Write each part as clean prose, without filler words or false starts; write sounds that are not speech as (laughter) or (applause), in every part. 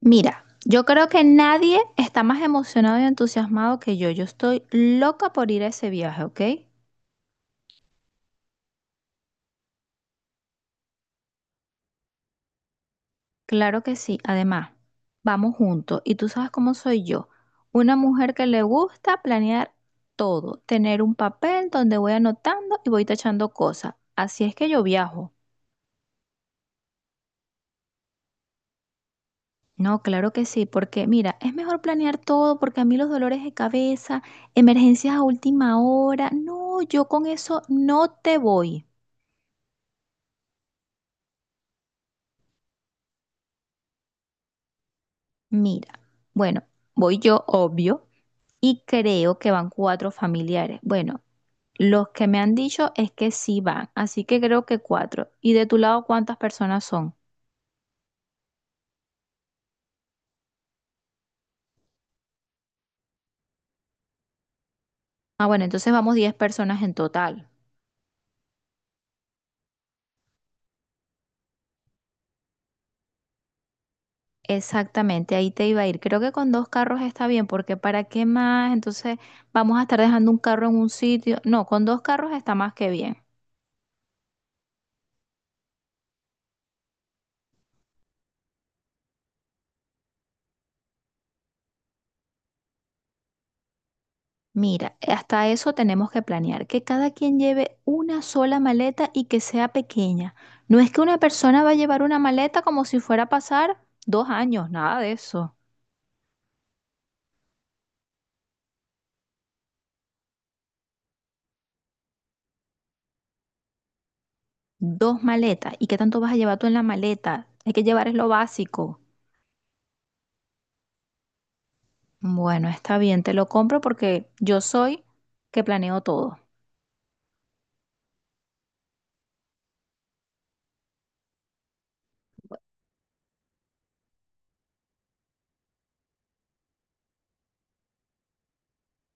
Mira, yo creo que nadie está más emocionado y entusiasmado que yo. Yo estoy loca por ir a ese viaje, ¿ok? Claro que sí. Además, vamos juntos. Y tú sabes cómo soy yo. Una mujer que le gusta planear todo, tener un papel donde voy anotando y voy tachando cosas. Así es que yo viajo. No, claro que sí, porque mira, es mejor planear todo porque a mí los dolores de cabeza, emergencias a última hora, no, yo con eso no te voy. Mira, bueno, voy yo obvio y creo que van cuatro familiares. Bueno, los que me han dicho es que sí van, así que creo que cuatro. ¿Y de tu lado cuántas personas son? Ah, bueno, entonces vamos 10 personas en total. Exactamente, ahí te iba a ir. Creo que con dos carros está bien, porque ¿para qué más? Entonces vamos a estar dejando un carro en un sitio. No, con dos carros está más que bien. Mira, hasta eso tenemos que planear, que cada quien lleve una sola maleta y que sea pequeña. No es que una persona va a llevar una maleta como si fuera a pasar dos años, nada de eso. Dos maletas. ¿Y qué tanto vas a llevar tú en la maleta? Hay que llevar es lo básico. Bueno, está bien, te lo compro porque yo soy que planeo todo.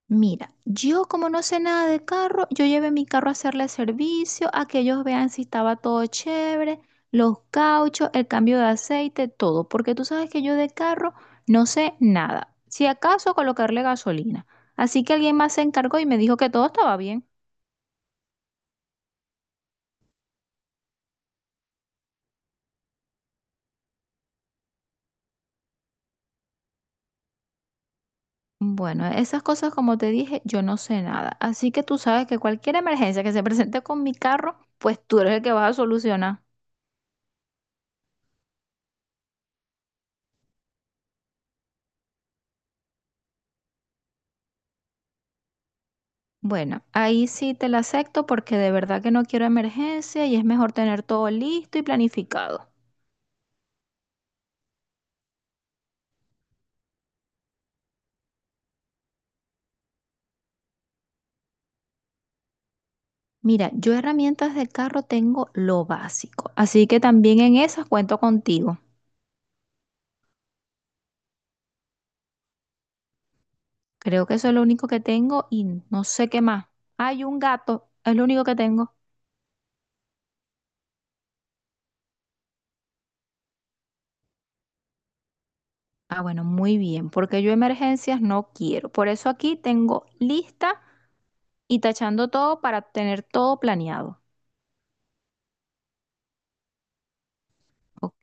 Mira, yo como no sé nada de carro, yo llevé mi carro a hacerle servicio, a que ellos vean si estaba todo chévere, los cauchos, el cambio de aceite, todo, porque tú sabes que yo de carro no sé nada, si acaso colocarle gasolina. Así que alguien más se encargó y me dijo que todo estaba bien. Bueno, esas cosas como te dije, yo no sé nada, así que tú sabes que cualquier emergencia que se (laughs) presente con mi carro, pues tú eres el que vas a solucionar. Bueno, ahí sí te la acepto porque de verdad que no quiero emergencia y es mejor tener todo listo y planificado. Mira, yo herramientas de carro tengo lo básico, así que también en esas cuento contigo. Creo que eso es lo único que tengo y no sé qué más. Hay un gato, es lo único que tengo. Ah, bueno, muy bien, porque yo emergencias no quiero. Por eso aquí tengo lista y tachando todo para tener todo planeado. Ok.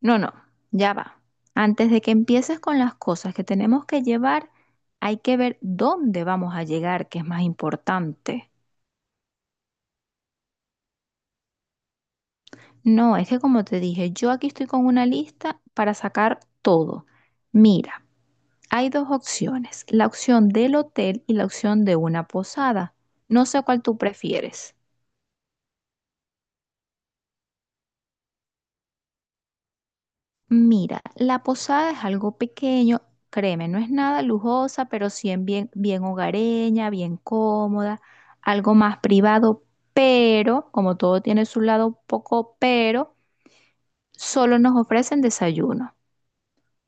No, no, ya va. Antes de que empieces con las cosas que tenemos que llevar, hay que ver dónde vamos a llegar, que es más importante. No, es que como te dije, yo aquí estoy con una lista para sacar todo. Mira, hay dos opciones, la opción del hotel y la opción de una posada. No sé cuál tú prefieres. Mira, la posada es algo pequeño, créeme, no es nada lujosa, pero sí en bien, bien hogareña, bien cómoda, algo más privado, pero como todo tiene su lado poco pero, solo nos ofrecen desayuno.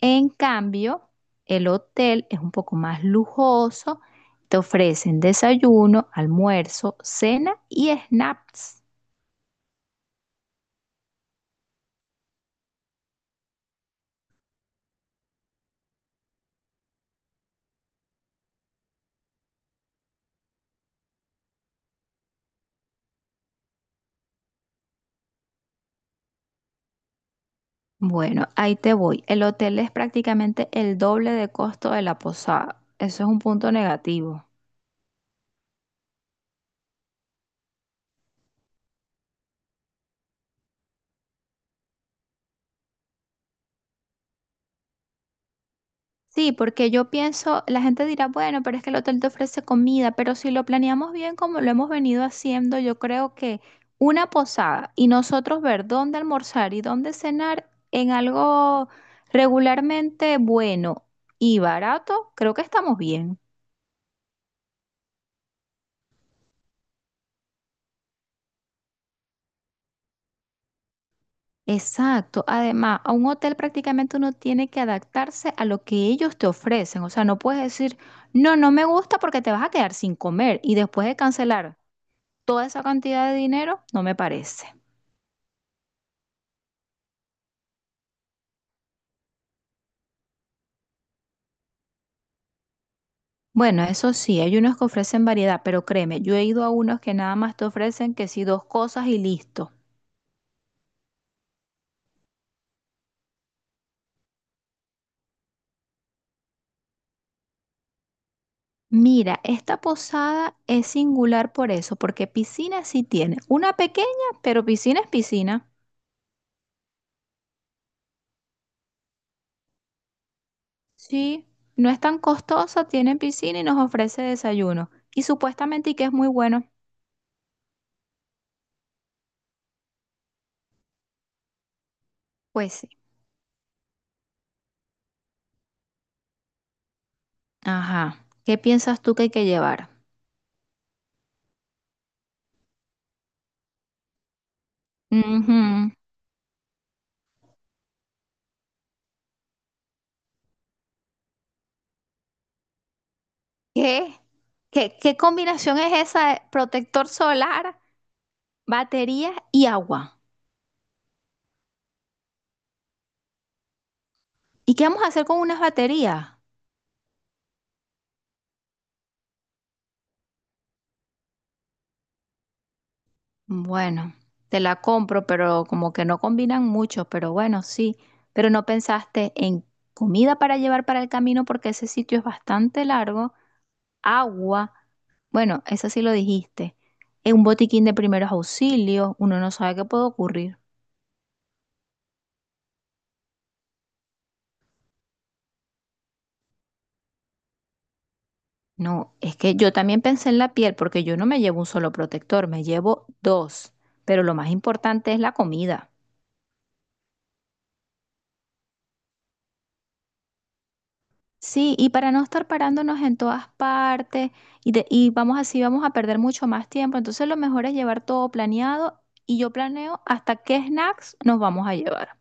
En cambio, el hotel es un poco más lujoso, te ofrecen desayuno, almuerzo, cena y snacks. Bueno, ahí te voy. El hotel es prácticamente el doble de costo de la posada. Eso es un punto negativo. Sí, porque yo pienso, la gente dirá, bueno, pero es que el hotel te ofrece comida, pero si lo planeamos bien como lo hemos venido haciendo, yo creo que una posada y nosotros ver dónde almorzar y dónde cenar en algo regularmente bueno y barato, creo que estamos bien. Exacto. Además, a un hotel prácticamente uno tiene que adaptarse a lo que ellos te ofrecen. O sea, no puedes decir, no, no me gusta porque te vas a quedar sin comer y después de cancelar toda esa cantidad de dinero, no me parece. Bueno, eso sí, hay unos que ofrecen variedad, pero créeme, yo he ido a unos que nada más te ofrecen que sí dos cosas y listo. Mira, esta posada es singular por eso, porque piscina sí tiene. Una pequeña, pero piscina es piscina. Sí, no es tan costosa, tiene piscina y nos ofrece desayuno. Y supuestamente y que es muy bueno. Pues sí. Ajá. ¿Qué piensas tú que hay que llevar? Ujú. ¿Qué? ¿Qué, qué combinación es esa? De protector solar, baterías y agua. ¿Y qué vamos a hacer con unas baterías? Bueno, te la compro, pero como que no combinan mucho, pero bueno, sí. Pero no pensaste en comida para llevar para el camino porque ese sitio es bastante largo, agua. Bueno, eso sí lo dijiste. En un botiquín de primeros auxilios, uno no sabe qué puede ocurrir. No, es que yo también pensé en la piel porque yo no me llevo un solo protector, me llevo dos. Pero lo más importante es la comida. Sí, y para no estar parándonos en todas partes y, y vamos así, vamos a perder mucho más tiempo. Entonces lo mejor es llevar todo planeado y yo planeo hasta qué snacks nos vamos a llevar.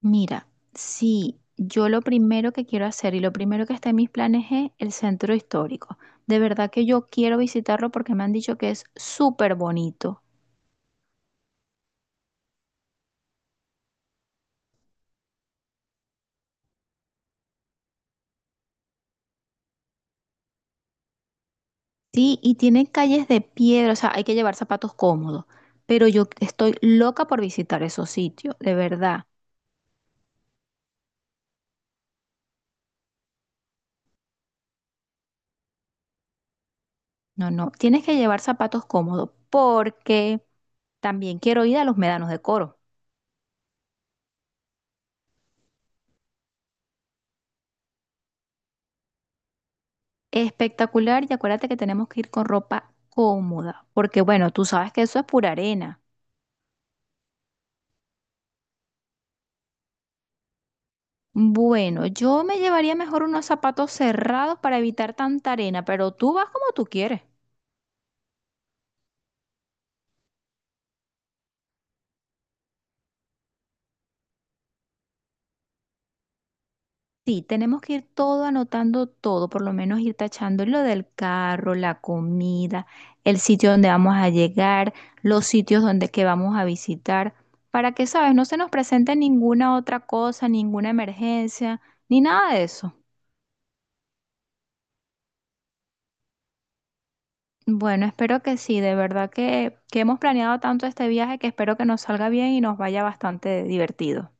Mira, sí, yo lo primero que quiero hacer y lo primero que está en mis planes es el centro histórico. De verdad que yo quiero visitarlo porque me han dicho que es súper bonito. Sí, y tiene calles de piedra, o sea, hay que llevar zapatos cómodos. Pero yo estoy loca por visitar esos sitios, de verdad. No, no, tienes que llevar zapatos cómodos porque también quiero ir a los médanos de Coro. Espectacular, y acuérdate que tenemos que ir con ropa cómoda, porque bueno, tú sabes que eso es pura arena. Bueno, yo me llevaría mejor unos zapatos cerrados para evitar tanta arena, pero tú vas como tú quieres. Sí, tenemos que ir todo anotando todo, por lo menos ir tachando lo del carro, la comida, el sitio donde vamos a llegar, los sitios donde que vamos a visitar, para que, sabes, no se nos presente ninguna otra cosa, ninguna emergencia, ni nada de eso. Bueno, espero que sí, de verdad que hemos planeado tanto este viaje que espero que nos salga bien y nos vaya bastante divertido.